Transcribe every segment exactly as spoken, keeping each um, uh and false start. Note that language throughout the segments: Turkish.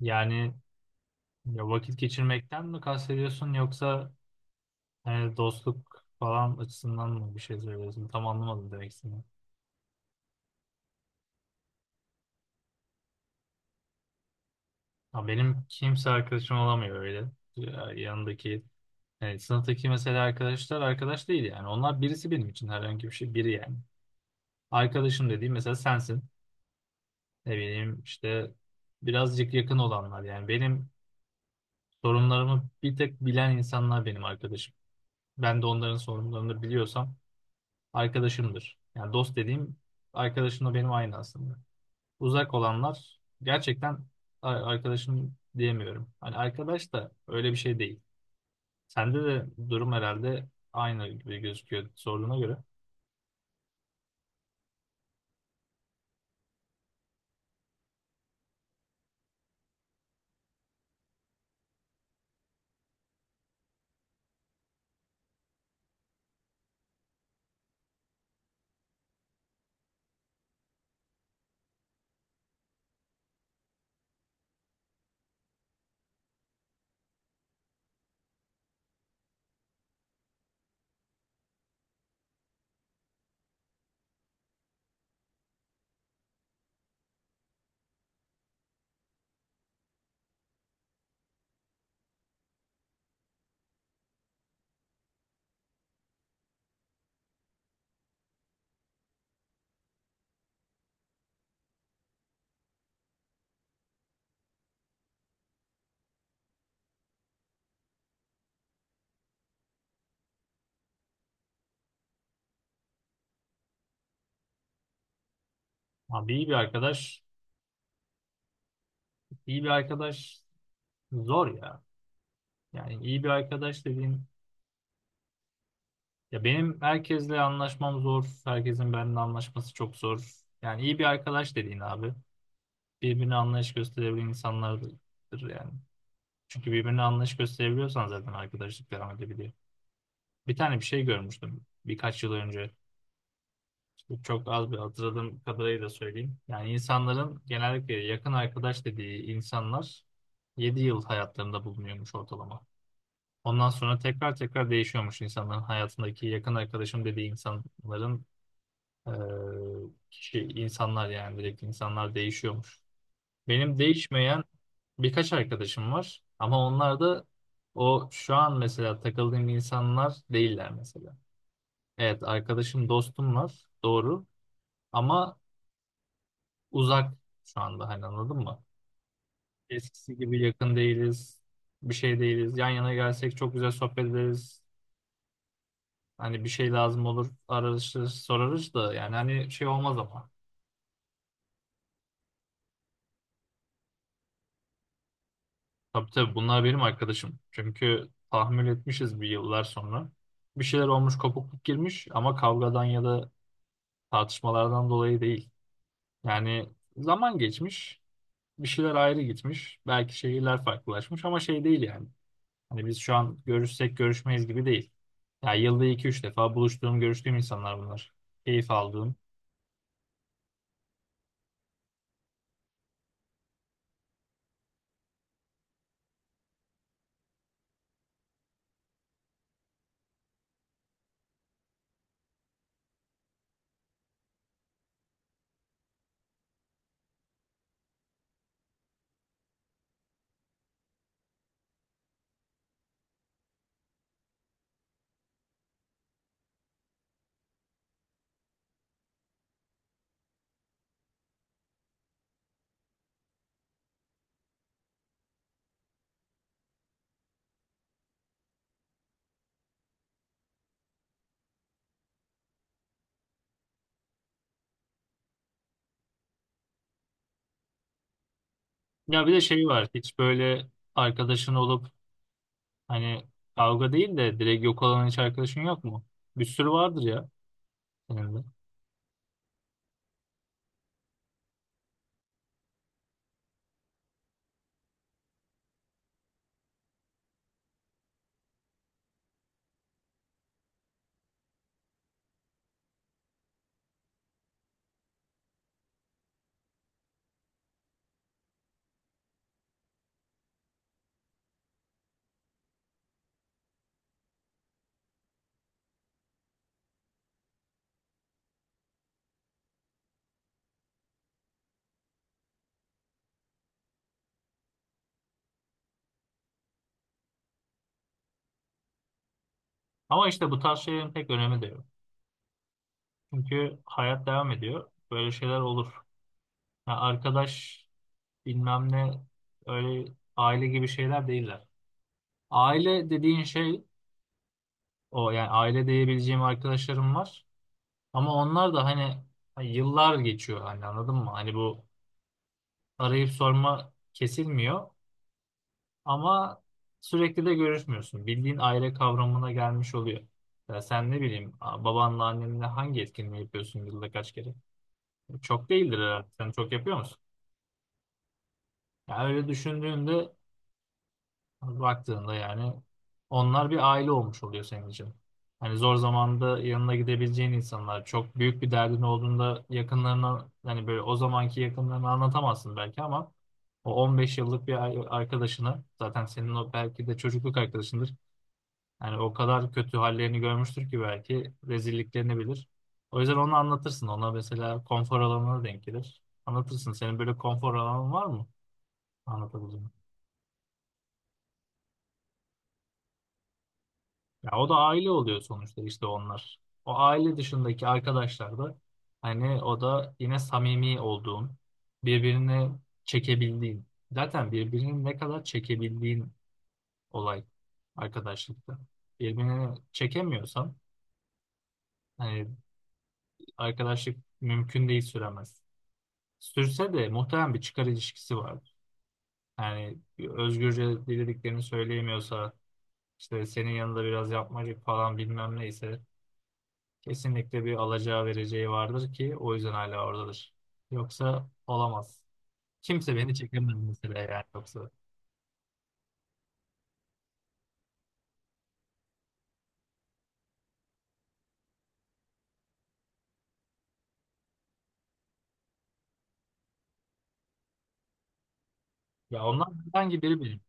Yani ya vakit geçirmekten mi kastediyorsun yoksa hani dostluk falan açısından mı bir şey söylüyorsun? Tam anlamadım demek istediğini. Ya benim kimse arkadaşım olamıyor öyle. Ya yanındaki yani sınıftaki mesela arkadaşlar arkadaş değil yani. Onlar birisi benim için herhangi bir şey biri yani. Arkadaşım dediğim mesela sensin. Ne bileyim işte birazcık yakın olanlar yani. Benim sorunlarımı bir tek bilen insanlar benim arkadaşım. Ben de onların sorunlarını biliyorsam arkadaşımdır. Yani dost dediğim arkadaşımla benim aynı aslında. Uzak olanlar gerçekten a- arkadaşım diyemiyorum. Hani arkadaş da öyle bir şey değil. Sende de durum herhalde aynı gibi gözüküyor sorduğuna göre. Abi iyi bir arkadaş, iyi bir arkadaş zor ya. Yani iyi bir arkadaş dediğin ya benim herkesle anlaşmam zor. Herkesin benimle anlaşması çok zor. Yani iyi bir arkadaş dediğin abi birbirine anlayış gösterebilen insanlardır yani. Çünkü birbirine anlayış gösterebiliyorsan zaten arkadaşlık devam edebiliyor. Bir tane bir şey görmüştüm birkaç yıl önce. İşte çok az bir hatırladığım kadarıyla söyleyeyim. Yani insanların genellikle yakın arkadaş dediği insanlar yedi yıl hayatlarında bulunuyormuş ortalama. Ondan sonra tekrar tekrar değişiyormuş insanların hayatındaki yakın arkadaşım dediği insanların eee, kişi insanlar yani direkt insanlar değişiyormuş. Benim değişmeyen birkaç arkadaşım var ama onlar da o şu an mesela takıldığım insanlar değiller mesela. Evet arkadaşım dostum var doğru ama uzak şu anda hani anladın mı? Eskisi gibi yakın değiliz bir şey değiliz yan yana gelsek çok güzel sohbet ederiz. Hani bir şey lazım olur ararız sorarız da yani hani şey olmaz ama. Tabii tabii bunlar benim arkadaşım çünkü tahammül etmişiz bir yıllar sonra. Bir şeyler olmuş kopukluk girmiş ama kavgadan ya da tartışmalardan dolayı değil. Yani zaman geçmiş, bir şeyler ayrı gitmiş, belki şehirler farklılaşmış ama şey değil yani. Hani biz şu an görüşsek görüşmeyiz gibi değil. Ya yılda iki üç defa buluştuğum, görüştüğüm insanlar bunlar. Keyif aldığım. Ya bir de şey var, hiç böyle arkadaşın olup hani kavga değil de direkt yok olan hiç arkadaşın yok mu? Bir sürü vardır ya senin de. Ama işte bu tarz şeylerin pek önemi de yok. Çünkü hayat devam ediyor. Böyle şeyler olur. Ya arkadaş bilmem ne öyle aile gibi şeyler değiller. Aile dediğin şey o yani aile diyebileceğim arkadaşlarım var. Ama onlar da hani hani yıllar geçiyor hani anladın mı? Hani bu arayıp sorma kesilmiyor ama sürekli de görüşmüyorsun. Bildiğin aile kavramına gelmiş oluyor. Ya sen ne bileyim babanla annenle hangi etkinliği yapıyorsun yılda kaç kere? Çok değildir herhalde. Sen çok yapıyor musun? Ya öyle düşündüğünde baktığında yani onlar bir aile olmuş oluyor senin için. Hani zor zamanda yanına gidebileceğin insanlar, çok büyük bir derdin olduğunda yakınlarına hani böyle o zamanki yakınlarına anlatamazsın belki ama o on beş yıllık bir ar- arkadaşını zaten senin o belki de çocukluk arkadaşındır. Yani o kadar kötü hallerini görmüştür ki belki rezilliklerini bilir. O yüzden onu anlatırsın. Ona mesela konfor alanına denk gelir. Anlatırsın. Senin böyle konfor alanın var mı? Anlatabileceğin. Ya o da aile oluyor sonuçta işte onlar. O aile dışındaki arkadaşlar da hani o da yine samimi olduğun, birbirini çekebildiğin. Zaten birbirini ne kadar çekebildiğin olay arkadaşlıkta. Birbirini çekemiyorsan hani arkadaşlık mümkün değil süremez. Sürse de muhtemelen bir çıkar ilişkisi vardır. Yani bir özgürce dilediklerini söyleyemiyorsa işte senin yanında biraz yapmacık falan bilmem neyse, kesinlikle bir alacağı vereceği vardır ki o yüzden hala oradadır. Yoksa olamaz. Kimse beni çekemez mesela yani yoksa. Ya onlar hangi biri benim.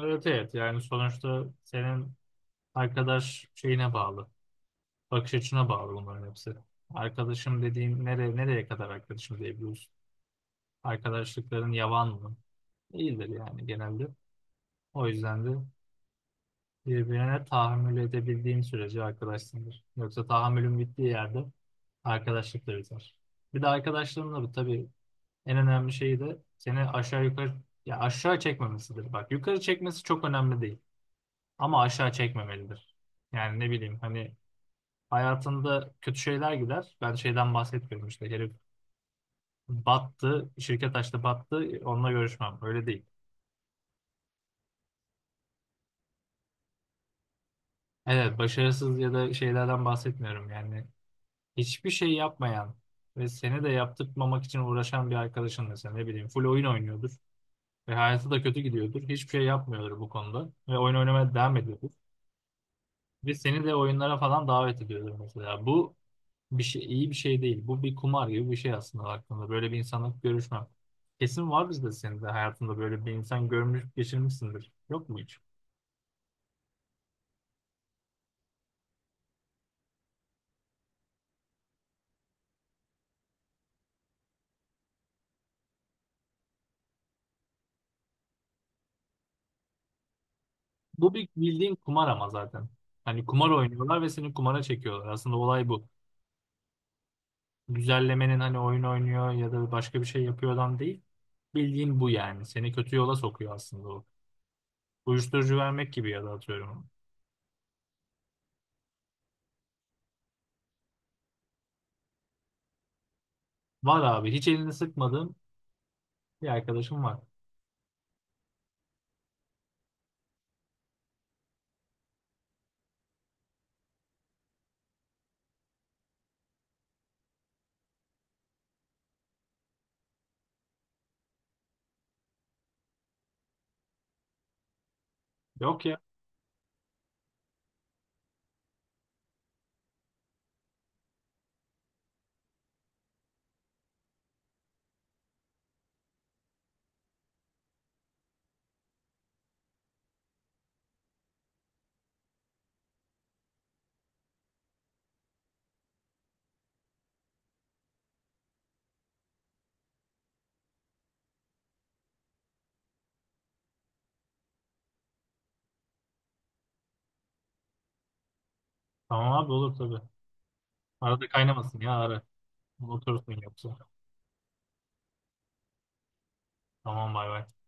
Evet evet yani sonuçta senin arkadaş şeyine bağlı. Bakış açına bağlı bunların hepsi. Arkadaşım dediğin nereye, nereye kadar arkadaşım diyebiliyorsun? Arkadaşlıkların yavan mı? Değildir yani genelde. O yüzden de birbirine tahammül edebildiğin sürece arkadaşsındır. Yoksa tahammülün bittiği yerde arkadaşlıkla biter. Bir de arkadaşlığın da tabii en önemli şey de seni aşağı yukarı ya aşağı çekmemesidir. Bak yukarı çekmesi çok önemli değil ama aşağı çekmemelidir. Yani ne bileyim hani hayatında kötü şeyler gider. Ben şeyden bahsetmiyorum işte herif battı, şirket açtı battı onunla görüşmem. Öyle değil. Evet başarısız ya da şeylerden bahsetmiyorum yani. Hiçbir şey yapmayan ve seni de yaptırmamak için uğraşan bir arkadaşın mesela ne bileyim full oyun oynuyordur. Ve hayatı da kötü gidiyordur. Hiçbir şey yapmıyordur bu konuda. Ve oyun oynamaya devam ediyordur. Ve seni de oyunlara falan davet ediyordur mesela. Bu bir şey, iyi bir şey değil. Bu bir kumar gibi bir şey aslında baktığında. Böyle bir insanla görüşmem. Kesin var bizde senin de hayatında böyle bir insan görmüş, geçirmişsindir. Yok mu hiç? Bu bir bildiğin kumar ama zaten. Hani kumar oynuyorlar ve seni kumara çekiyorlar. Aslında olay bu. Güzellemenin hani oyun oynuyor ya da başka bir şey yapıyordan değil. Bildiğin bu yani. Seni kötü yola sokuyor aslında o. Uyuşturucu vermek gibi ya da atıyorum. Var abi. Hiç elini sıkmadığım bir arkadaşım var. Yok ya. Tamam abi olur tabii. Arada kaynamasın ya ara. Oturursun yoksa. Tamam bay bay.